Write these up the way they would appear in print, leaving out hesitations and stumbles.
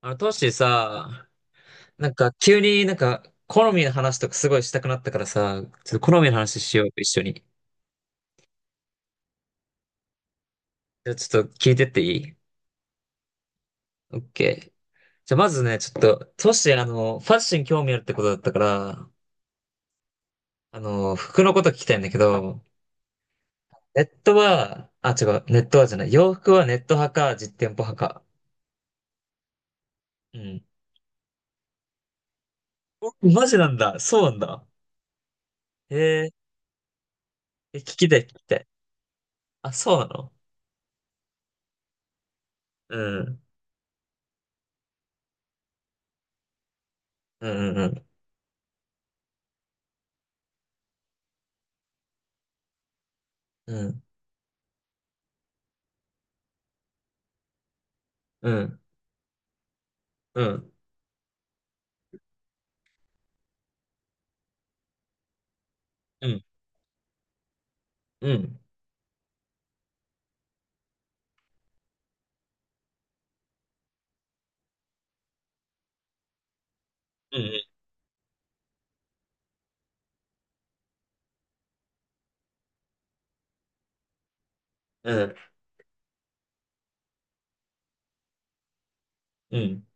トッシーさ、なんか急になんか好みの話とかすごいしたくなったからさ、ちょっと好みの話しようよ、一緒に。じゃあちょっと聞いてっていい？オッケー。じゃあまずね、ちょっと、トッシーファッションに興味あるってことだったから、服のこと聞きたいんだけど、ネットは、あ、違う、ネットはじゃない。洋服はネット派か、実店舗派か。うん。おマジなんだ。そうなんだ。へえ、え聞きたい、聞きたい。あ、そうなの？うん。うん、うん、うん。うん、うん、うん。うん。うん。うんうん、うん、うん。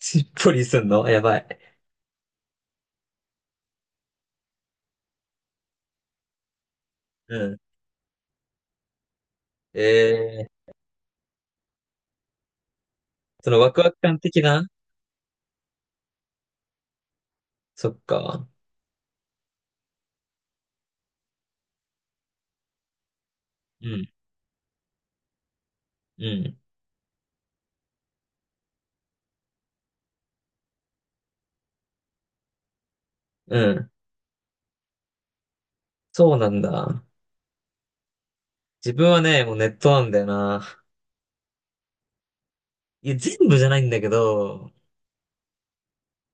しっぽりすんのやばい。うん。ええ、そのワクワク感的な？そっか。うん、うん、うん。そうなんだ。自分はね、もうネットなんだよな。いや、全部じゃないんだけど、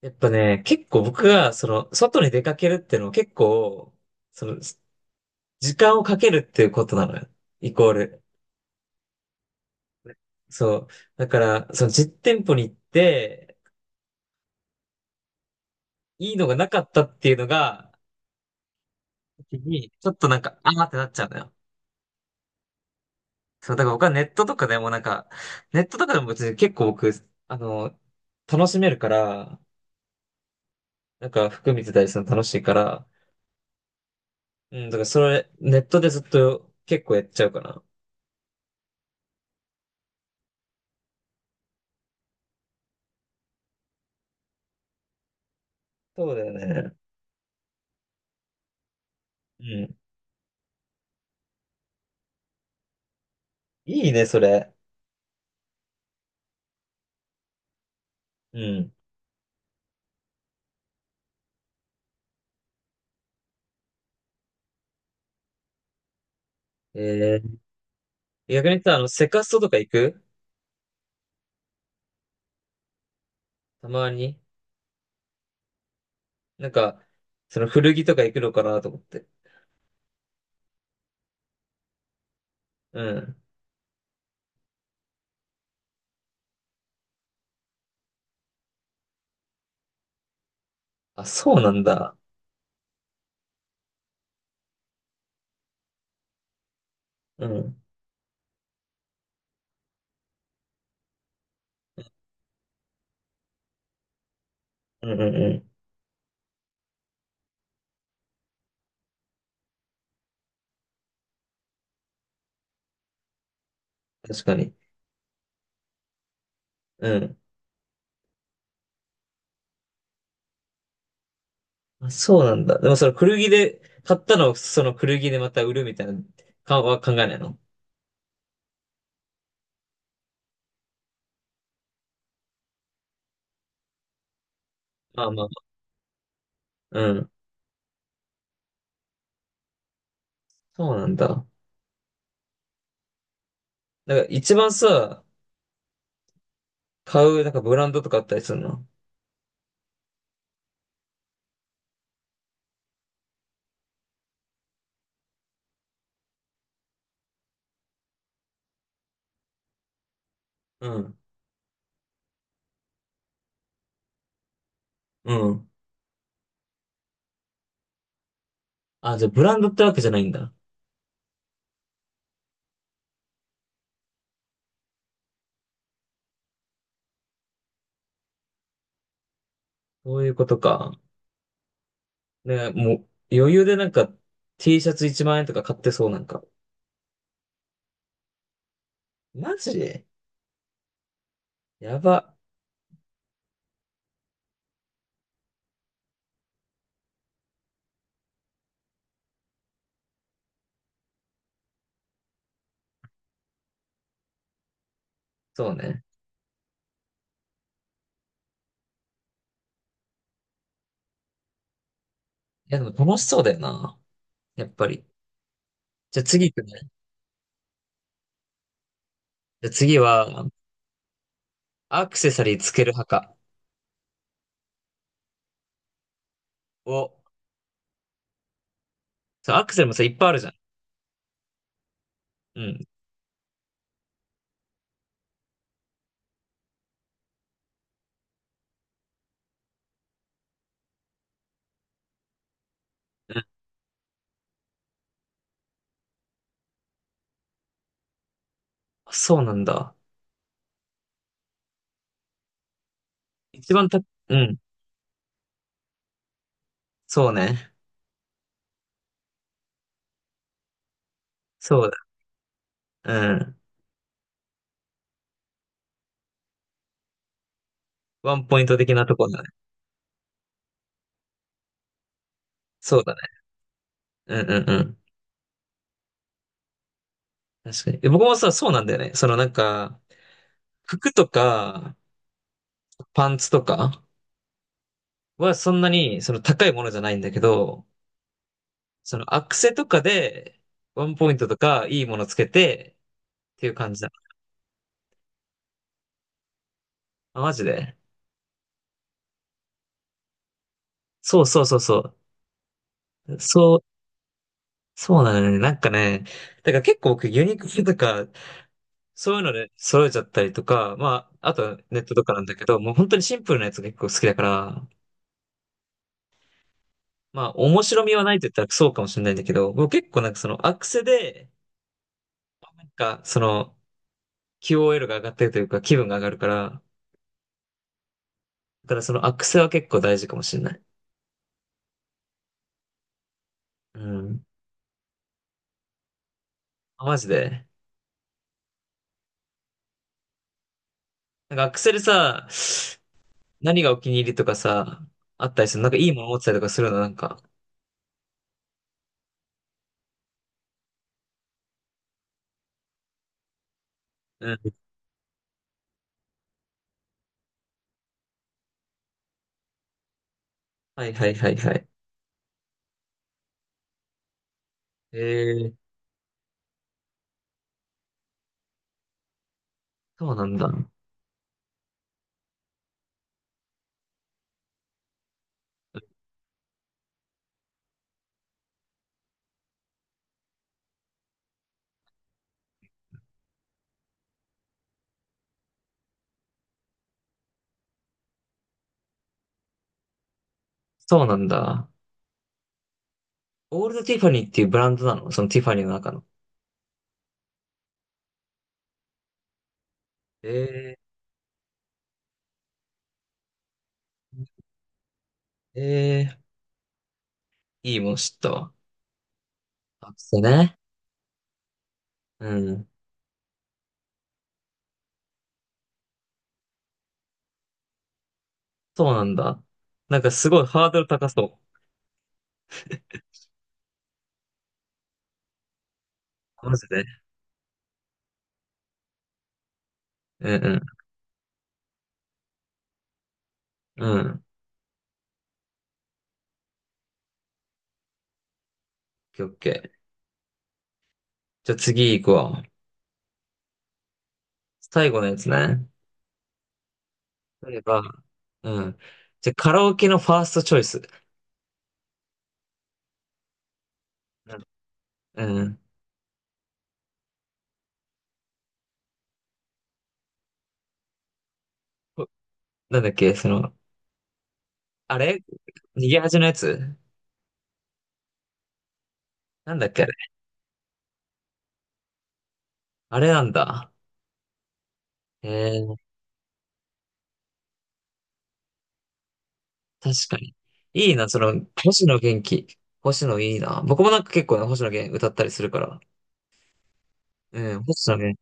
やっぱね、結構僕が、その、外に出かけるっていうのは結構、その、時間をかけるっていうことなのよ。イコール。そう。だから、その実店舗に行って、いいのがなかったっていうのが、時に、ちょっとなんか、あーってなっちゃうのよ。そう、だから僕はネットとかでもなんか、ネットとかでも別に結構僕、あの、楽しめるから、なんか服見てたりするの楽しいから、うん、だからそれ、ネットでずっと結構やっちゃうかな。そうだよね。うん。いいね、それ。うん。えー、逆にさ、セカストとか行く？たまに。なんか、その古着とか行くのかなと思って。うん。あ、そうなんだ。うん。うんうんうん。確かに。うん。あ、そうなんだ。でもその古着で、買ったのをその古着でまた売るみたいな、は考えないの？まあまあ、うん。そうなんだ。なんか一番さ、買う、なんかブランドとかあったりするの？うん。うん。あ、じゃあブランドってわけじゃないんだ。そういうことか。ね、もう余裕でなんか T シャツ1万円とか買ってそうなんか。マジやば。そうね。いやでも楽しそうだよな。やっぱり。じゃあ次行くね。じゃあ次は、アクセサリーつける派か。をそう、アクセルもさ、いっぱいあるじゃん。うん。うん、そうなんだ。一番、うん。そうね。そうだ。うん。ワンポイント的なとこだね。そうだね。うんうんうん。確かに。え僕もさ、そうなんだよね。そのなんか、服とか、パンツとかはそんなに、その高いものじゃないんだけど、そのアクセとかで、ワンポイントとか、いいものつけて、っていう感じだ。あ、マジで。そうそうそうそう。そう、そうなのよね。なんかね、だから結構僕ユニクロとかそういうので揃えちゃったりとか、まあ、あとはネットとかなんだけど、もう本当にシンプルなやつが結構好きだから、まあ、面白みはないと言ったらそうかもしれないんだけど、僕結構なんかそのアクセで、なんかその QOL が上がってるというか気分が上がるから、だからそのアクセは結構大事かもしれない。うん。あマジで。なんかアクセでさ、何がお気に入りとかさ、あったりする。なんかいいもの持ってたりとかするの、なんか。うん。はいはいはいはい。へえー、そうなんだ。そうなんだ。オールドティファニーっていうブランドなの、そのティファニーの中の？えー、えいいもの知ったわ。あ、そうね。うん。そうなんだ。なんかすごいハードル高そう。マジで。うんうん。うん。オッケーオッケー。じゃあ次行くわ。最後のやつね。例えば、うん。じゃあカラオケのファーストチョイス。なんうん。こなんだっけ、その、あれ？逃げ恥のやつ？なんだっけあれ？あれなんだ。えー確かに。いいな、その、星野元気。星野いいな。僕もなんか結構ね、星野源歌ったりするから。うん、星野源。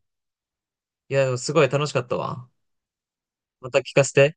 いや、でもすごい楽しかったわ。また聞かせて。